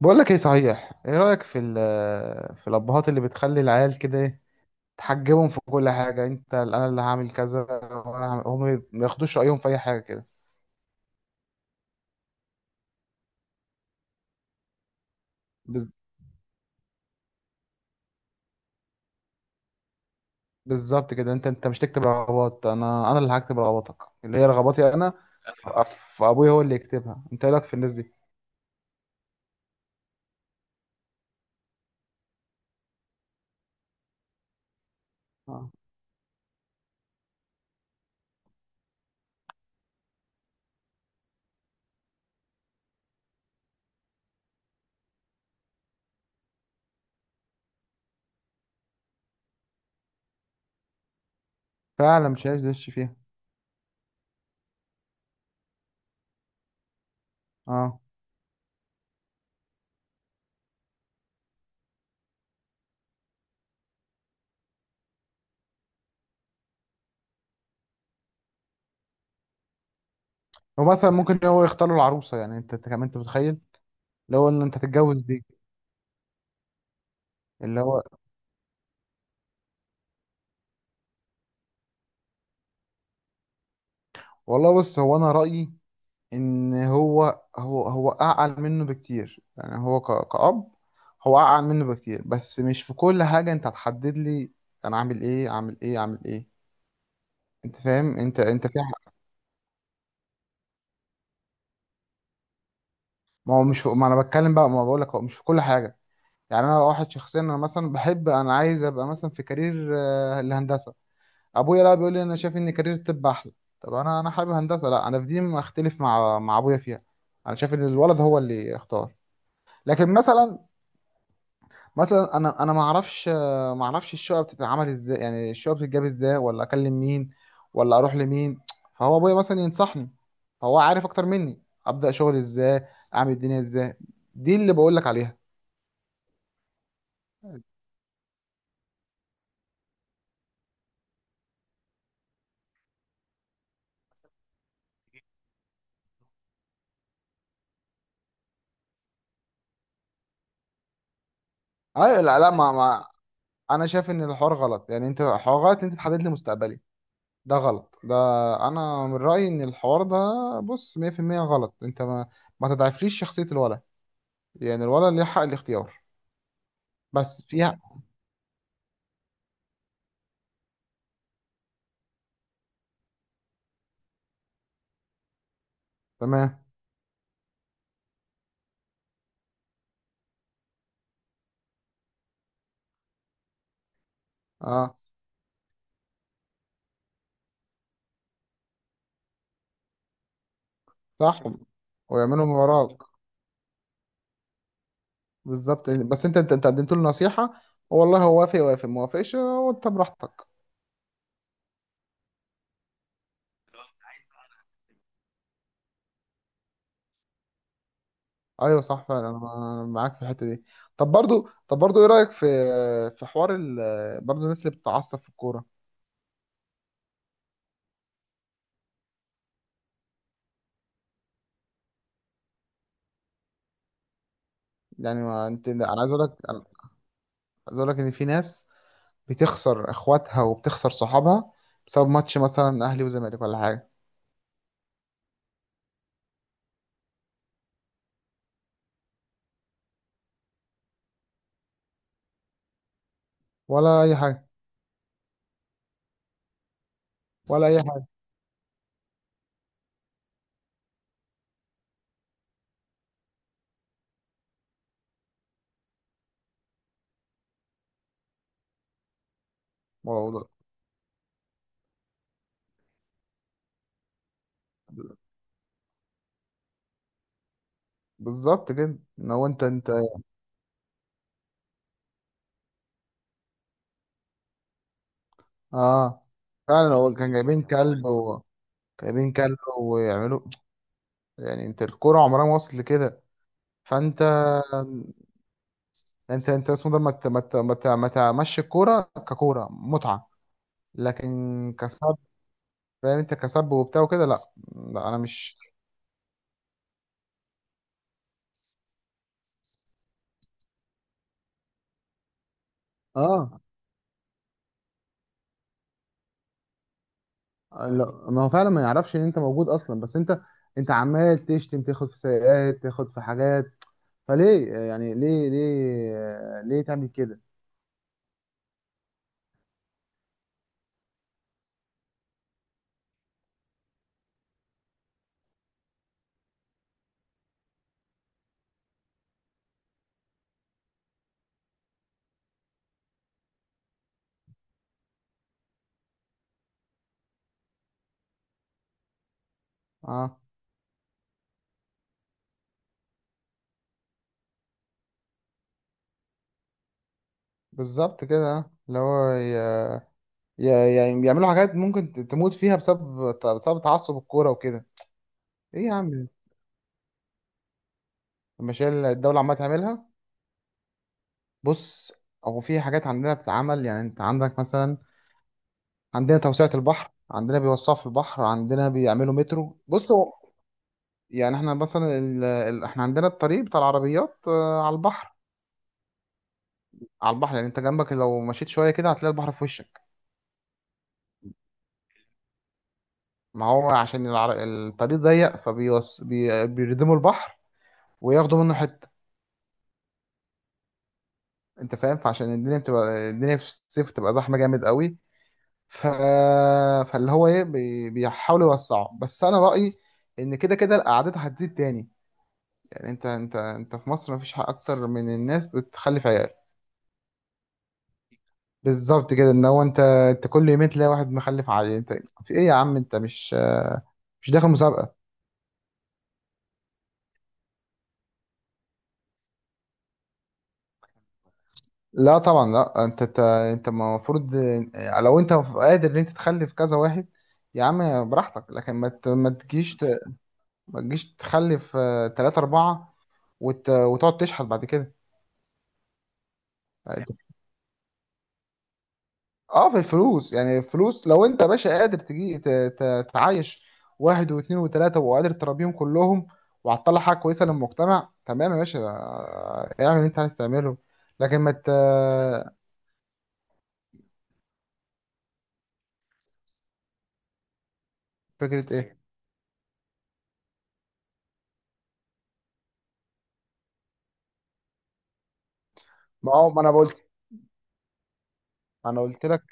بقول لك ايه صحيح، ايه رأيك في الابهات اللي بتخلي العيال كده، ايه تحجبهم في كل حاجة. انت انا اللي هعمل كذا وانا هعمل هم، ما ياخدوش رأيهم في اي حاجة كده. بز- بالظبط كده، انت مش تكتب رغبات، انا اللي هكتب رغباتك، اللي هي رغباتي انا. ف- فابويا هو اللي يكتبها. انت ايه رأيك في الناس دي؟ اه، فعلا مش عايز يدش فيها. اه، ومثلا ممكن هو يختار له العروسة، يعني انت كمان انت متخيل اللي هو ان انت تتجوز دي؟ اللي هو والله، بص، هو انا رأيي ان هو اعقل منه بكتير، يعني هو كأب هو اعقل منه بكتير، بس مش في كل حاجة انت هتحدد لي انا عامل ايه، عامل ايه، عامل ايه. انت فاهم؟ ما هو مش في... ما انا بتكلم بقى، ما بقول لك هو مش في كل حاجة. يعني انا واحد شخصيا، انا مثلا بحب، انا عايز ابقى مثلا في كارير، الهندسة. ابويا لا بيقول لي انا شايف ان كارير الطب احلى. طب انا حابب هندسة. لا، انا في دي ما اختلف مع ابويا فيها، انا شايف ان الولد هو اللي اختار. لكن مثلا، مثلا انا ما اعرفش، ما اعرفش الشقه بتتعمل ازاي، يعني الشقه بتتجاب ازاي، ولا اكلم مين، ولا اروح لمين، فهو ابويا مثلا ينصحني، فهو عارف اكتر مني ابدا شغل ازاي، اعمل الدنيا ازاي. دي اللي بقول لك عليها. اي، لا لا، ما انا شايف ان الحوار غلط، يعني انت الحوار غلط، انت تحدد لي مستقبلي، ده غلط ده. انا من رايي ان الحوار ده، بص، 100% غلط. انت ما تضعفليش شخصيه الولد، يعني الولد ليه حق الاختيار بس فيها. تمام، اه، صح، ويعملوا من وراك. بالظبط، بس انت قدمت له نصيحة، والله هو وافق، وافق ما وافقش، وانت براحتك. ايوه صح فعلا، انا معاك في الحته دي. طب برضو، ايه رايك في في حوار ال... برضو الناس اللي بتتعصب في الكوره. يعني ما انت، انا عايز اقول لك ان في ناس بتخسر اخواتها وبتخسر صحابها، بسبب ماتش مثلا اهلي وزمالك ولا حاجه، ولا اي حاجه، ولا اي حاجه. والله. بالظبط كده ان هو انت. اه، فعلا هو كان جايبين كلب جايبين كلب ويعملوا، يعني انت الكوره عمرها ما وصلت لكده. فانت انت انت اسمه ده ما تمشي الكوره ككوره متعه، لكن كسب. فاهم، انت كسب وبتاع وكده. لا، لا، انا مش، اه، لا. ما هو فعلا ما يعرفش ان انت موجود اصلا، بس انت عمال تشتم، تاخد في سيئات، تاخد في حاجات. فليه، يعني ليه ليه ليه تعمل كده. اه. بالظبط كده، اللي هو يعني بيعملوا حاجات ممكن تموت فيها، بسبب تعصب الكوره وكده. ايه يا عم، المشاريع اللي الدوله عماله تعملها. بص، هو في حاجات عندنا بتتعمل، يعني انت عندك مثلا، عندنا توسعه البحر، عندنا بيوسعوا في البحر، عندنا بيعملوا مترو. بص هو يعني احنا مثلا احنا عندنا الطريق بتاع العربيات، على البحر، على البحر. يعني انت جنبك لو مشيت شويه كده هتلاقي البحر في وشك. ما هو عشان الطريق ضيق، بيردموا البحر وياخدوا منه حته، انت فاهم. فعشان الدنيا في الصيف بتبقى زحمه جامد قوي. ف... فاللي هو ايه، بيحاولوا يوسعوا، بس انا رايي ان كده كده الاعداد هتزيد تاني. يعني انت في مصر مفيش حق اكتر من الناس بتخلف عيال. بالظبط كده ان هو، انت كل يومين تلاقي واحد مخلف عيال. انت في ايه يا عم، انت مش داخل مسابقه. لا طبعا، لا، انت المفروض لو انت قادر ان انت تخلف كذا واحد يا عم براحتك، لكن ما ت- ما تجيش ت- ما تجيش تخلف، تلاتة أربعة وتقعد تشحت بعد كده. اه، في الفلوس، يعني الفلوس لو انت يا باشا قادر تجي تعايش واحد واثنين وثلاثة وقادر تربيهم كلهم، وهتطلع حاجة كويسة للمجتمع، تمام يا باشا، اعمل اللي انت عايز تعمله، لكن ما ت... فكرة ايه؟ ما هو ما انا قلت، انا قلت لك.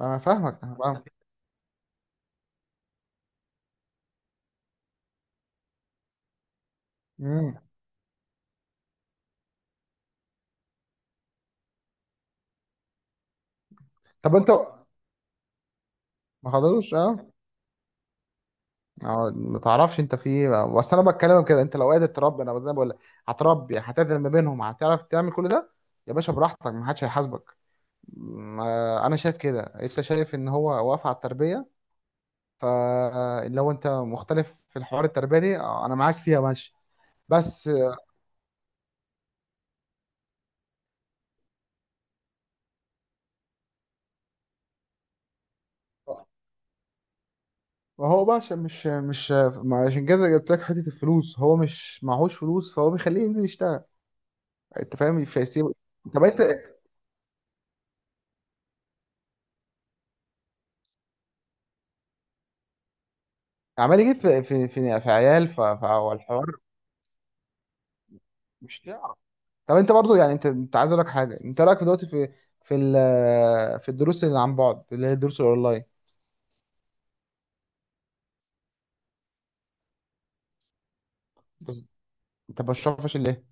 انا فاهمك، انا فاهمك. مم. طب انت، ما حضروش، اه. اه، ما تعرفش انت في ايه، بس انا بتكلم كده، انت لو قادر تربي انا زي ما بقول لك هتربي، هتعدل ما بينهم، هتعرف تعمل كل ده، يا باشا براحتك، ما حدش هيحاسبك. انا شايف كده، انت شايف ان هو واقف على التربيه، فلو انت مختلف في الحوار التربيه دي، انا معاك فيها ماشي. بس هو بقى عشان مش، ما عشان كده جبت لك حته الفلوس، هو مش معهوش فلوس فهو بيخليه ينزل يشتغل، انت فاهم فيسيب. طب انت بقيت عمال يجيب في عيال، فهو الحوار، مش تعرف. طب انت برضو يعني انت عايز اقول لك حاجه، انت رايك في دلوقتي في في الدروس اللي عن بعد اللي هي الدروس الاونلاين. بس انت بشوفش ليه.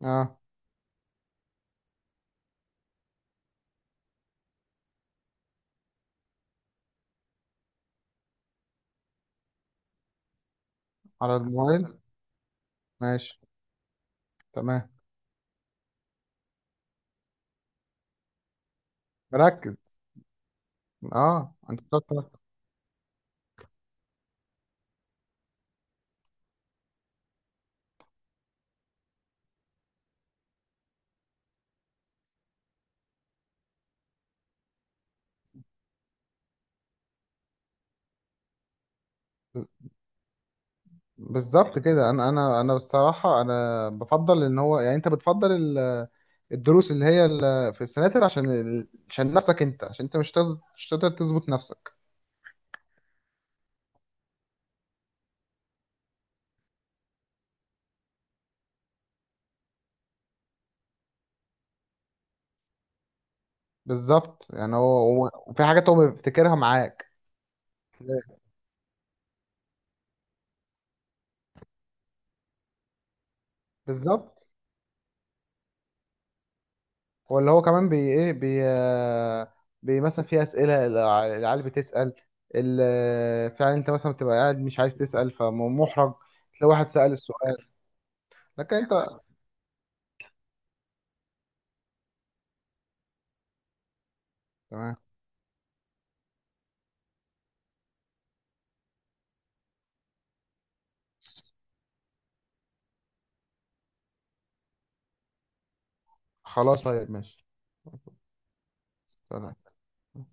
اه، على الموبايل، ماشي، تمام، مركز. اه، انت بتقعد تركز. بالظبط كده، انا الصراحه انا بفضل ان هو، يعني انت بتفضل الدروس اللي هي في السناتر عشان عشان نفسك انت، عشان انت مش تقدر تظبط نفسك. بالظبط يعني هو، وفي حاجات هو بيفتكرها معاك. بالظبط، ولا هو كمان بي ايه بي آه، بي مثلا في اسئله العيال بتسال، فعلا انت مثلا بتبقى قاعد مش عايز تسال فمحرج، تلاقي واحد سال السؤال. لكن انت، تمام، خلاص، طيب، ماشي، تمام.